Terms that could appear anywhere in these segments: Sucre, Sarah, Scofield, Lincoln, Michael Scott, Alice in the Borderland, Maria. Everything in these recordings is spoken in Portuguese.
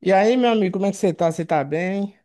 E aí, meu amigo, como é que você tá? Você tá bem?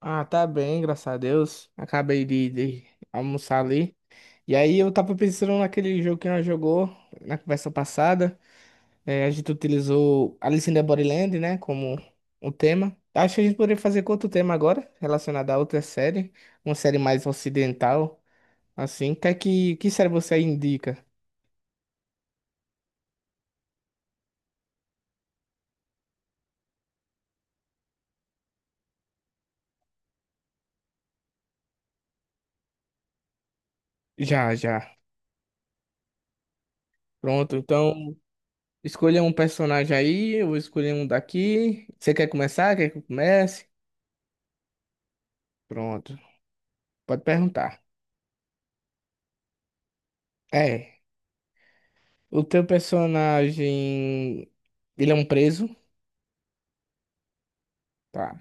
Ah, tá bem, graças a Deus. Acabei de almoçar ali. E aí, eu tava pensando naquele jogo que nós jogou na conversa passada. É, a gente utilizou Alice in the Borderland, né, como um tema. Acho que a gente poderia fazer com outro tema agora, relacionado a outra série. Uma série mais ocidental, assim. Que série você aí indica? Já, já. Pronto, então escolha um personagem aí, eu vou escolher um daqui. Você quer começar? Quer que eu comece? Pronto. Pode perguntar. É. O teu personagem, ele é um preso? Tá.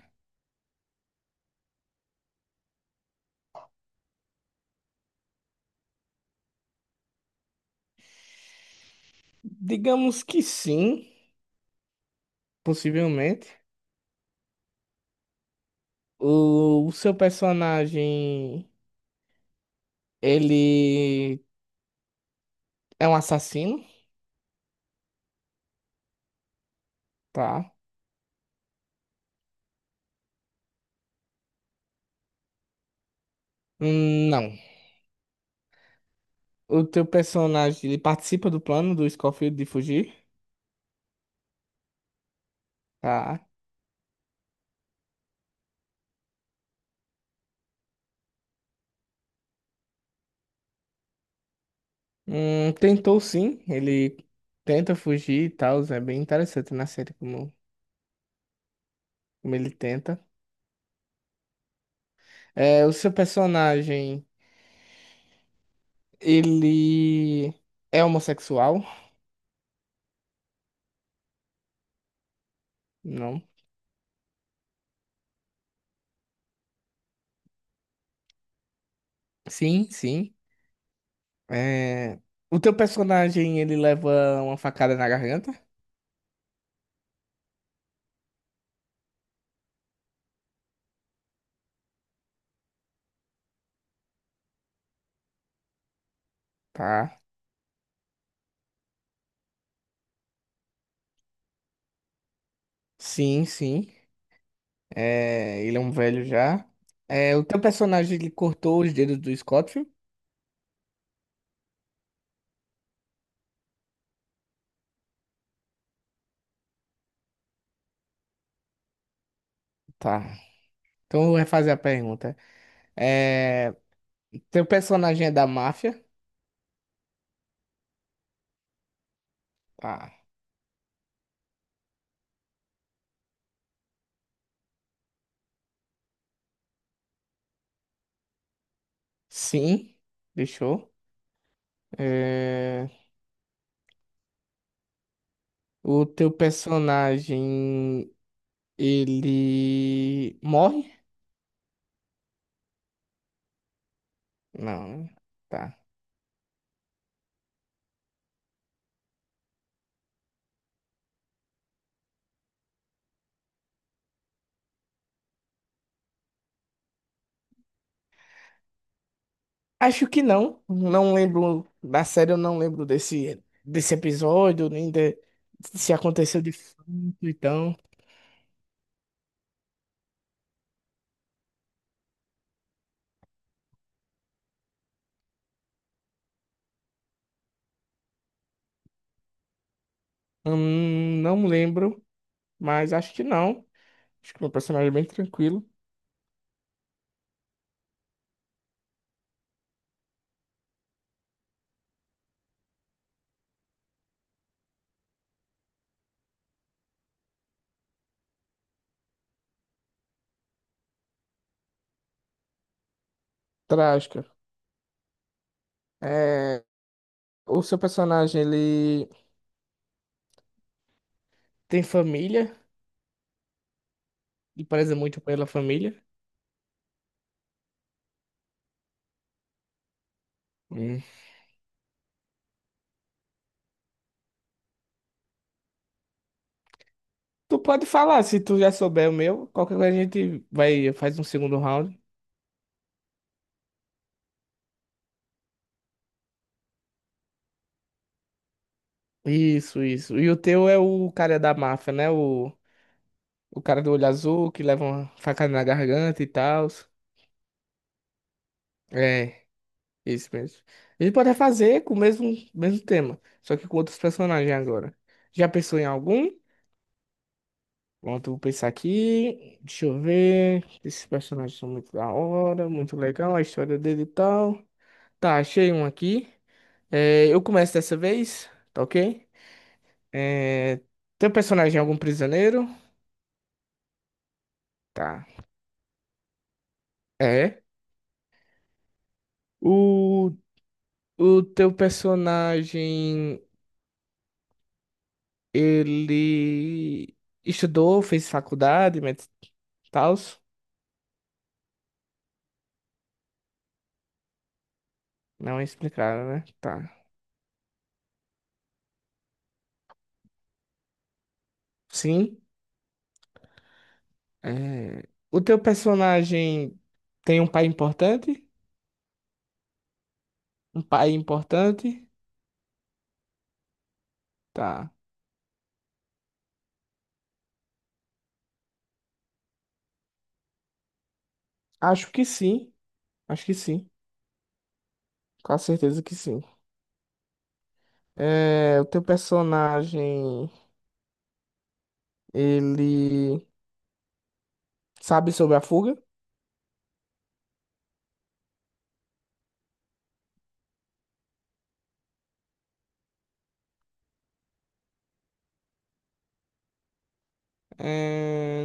Digamos que sim, possivelmente. O seu personagem. Ele é um assassino? Tá. Não. O teu personagem. Ele participa do plano do Scofield de fugir? Tá. Tentou sim. Ele tenta fugir e tal. É bem interessante na série como ele tenta. É, o seu personagem. Ele é homossexual? Não. Sim, sim. É, o teu personagem, ele leva uma facada na garganta? Tá. Sim, sim. É, ele é um velho já. É, o teu personagem, ele cortou os dedos do Scofield? Tá. Então eu vou refazer a pergunta. É... Teu personagem é da máfia? Tá. Sim. Fechou. É... O teu personagem, ele morre? Não, né? Tá. Acho que não. Não lembro. Na série eu não lembro desse episódio, nem de, se aconteceu de fato, então. Não lembro, mas acho que não. Acho que meu personagem é bem tranquilo. Trágica. É, o seu personagem, ele tem família e preza muito pela família. Hum. Tu pode falar, se tu já souber o meu, qualquer coisa a gente vai, faz um segundo round. Isso, isso. E o teu é o cara da máfia, né? O cara do olho azul que leva uma facada na garganta e tal. É, isso mesmo. A gente pode fazer com o mesmo tema, só que com outros personagens agora. Já pensou em algum? Pronto, vou pensar aqui. Deixa eu ver. Esses personagens são muito da hora, muito legal, a história dele e tal. Tá, achei um aqui. É, eu começo dessa vez, tá ok? É, teu personagem é algum prisioneiro? Tá. É. O, o teu personagem. Ele estudou, fez faculdade, mas tal. Não explicaram, né? Tá. Sim. É, o teu personagem tem um pai importante? Um pai importante? Tá. Acho que sim. Acho que sim. Com certeza que sim. É, o teu personagem, ele sabe sobre a fuga? É,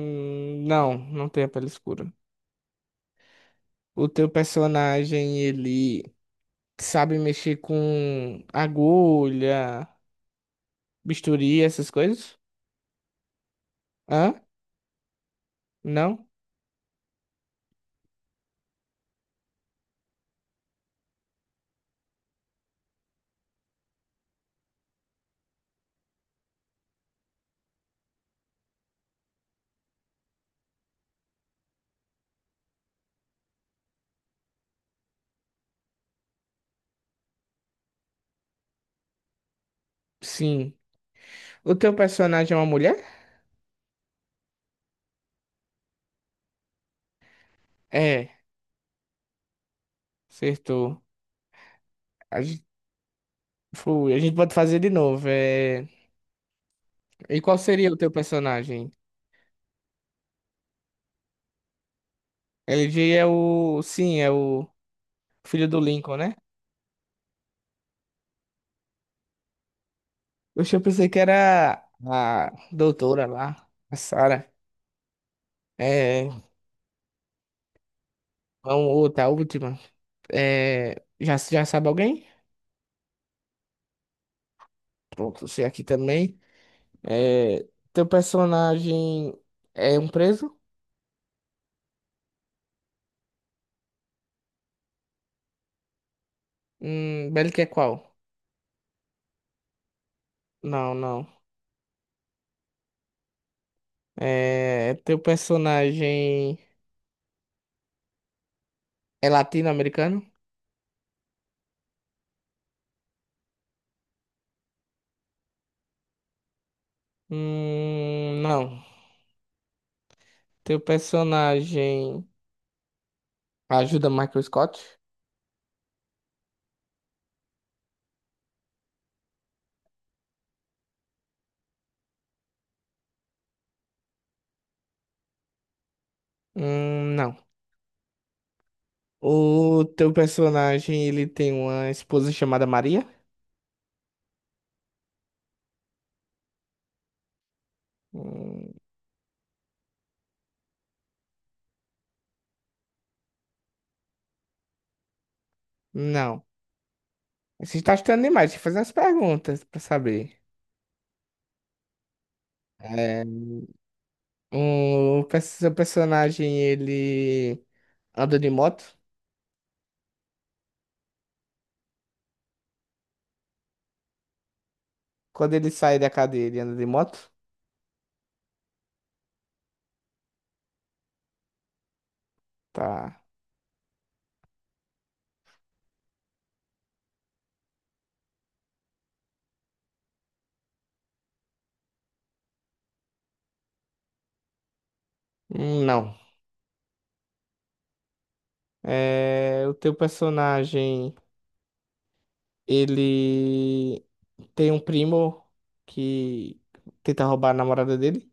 Não tem a pele escura. O teu personagem, ele sabe mexer com agulha, bisturi, essas coisas? Hã? Não? Sim. O teu personagem é uma mulher? É, acertou. A gente, a gente pode fazer de novo. E qual seria o teu personagem? LG é o. Sim, é o filho do Lincoln, né? Oxe, eu pensei que era a doutora lá, a Sarah. É. Vamos, outra, a última. É. Já, já sabe alguém? Pronto, você aqui também. É, teu personagem é um preso? Bellic é qual? Não, não. É, teu personagem é latino-americano? Não. Teu personagem ajuda Michael Scott? Não. O teu personagem, ele tem uma esposa chamada Maria? Hum, não. Você está estudando demais, deixa eu fazer as perguntas pra saber. É, seu personagem, ele anda de moto? Quando ele sai da cadeia, ele anda de moto? Tá. Não. É, o teu personagem, ele tem um primo que tenta roubar a namorada dele?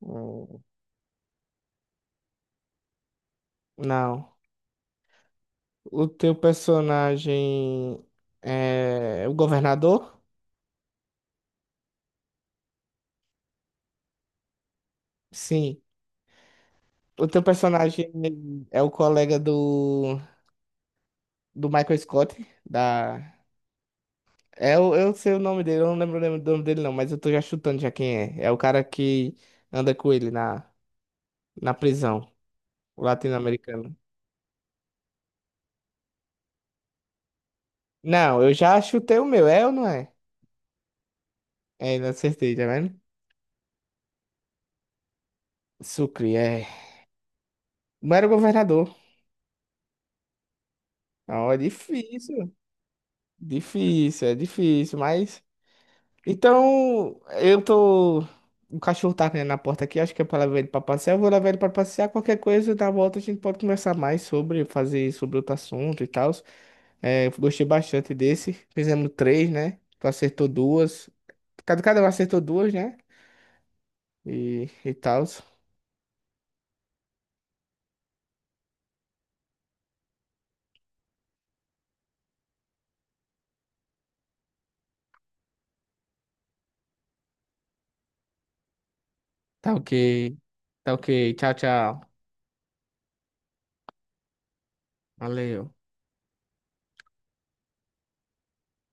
Hum, Não. O teu personagem é o governador? Sim. O teu personagem é o colega do Michael Scott, da é, eu sei o nome dele, eu não lembro o nome dele não, mas eu tô já chutando já quem é. É o cara que anda com ele na prisão, o latino-americano. Não, eu já chutei o meu, é ou não é? É, não acertei, tá vendo? Sucre, é. Não era o governador. Não, é difícil, é difícil, mas... Então, eu tô... O cachorro tá né, na porta aqui, acho que é pra levar ele pra passear. Eu vou levar ele pra passear, qualquer coisa, da volta a gente pode conversar mais sobre, fazer sobre outro assunto e tal. É, eu gostei bastante desse. Fizemos três, né? Tu acertou duas. Cada um acertou duas, né? E tal. Tá ok. Tá ok. Tchau, tchau. Valeu.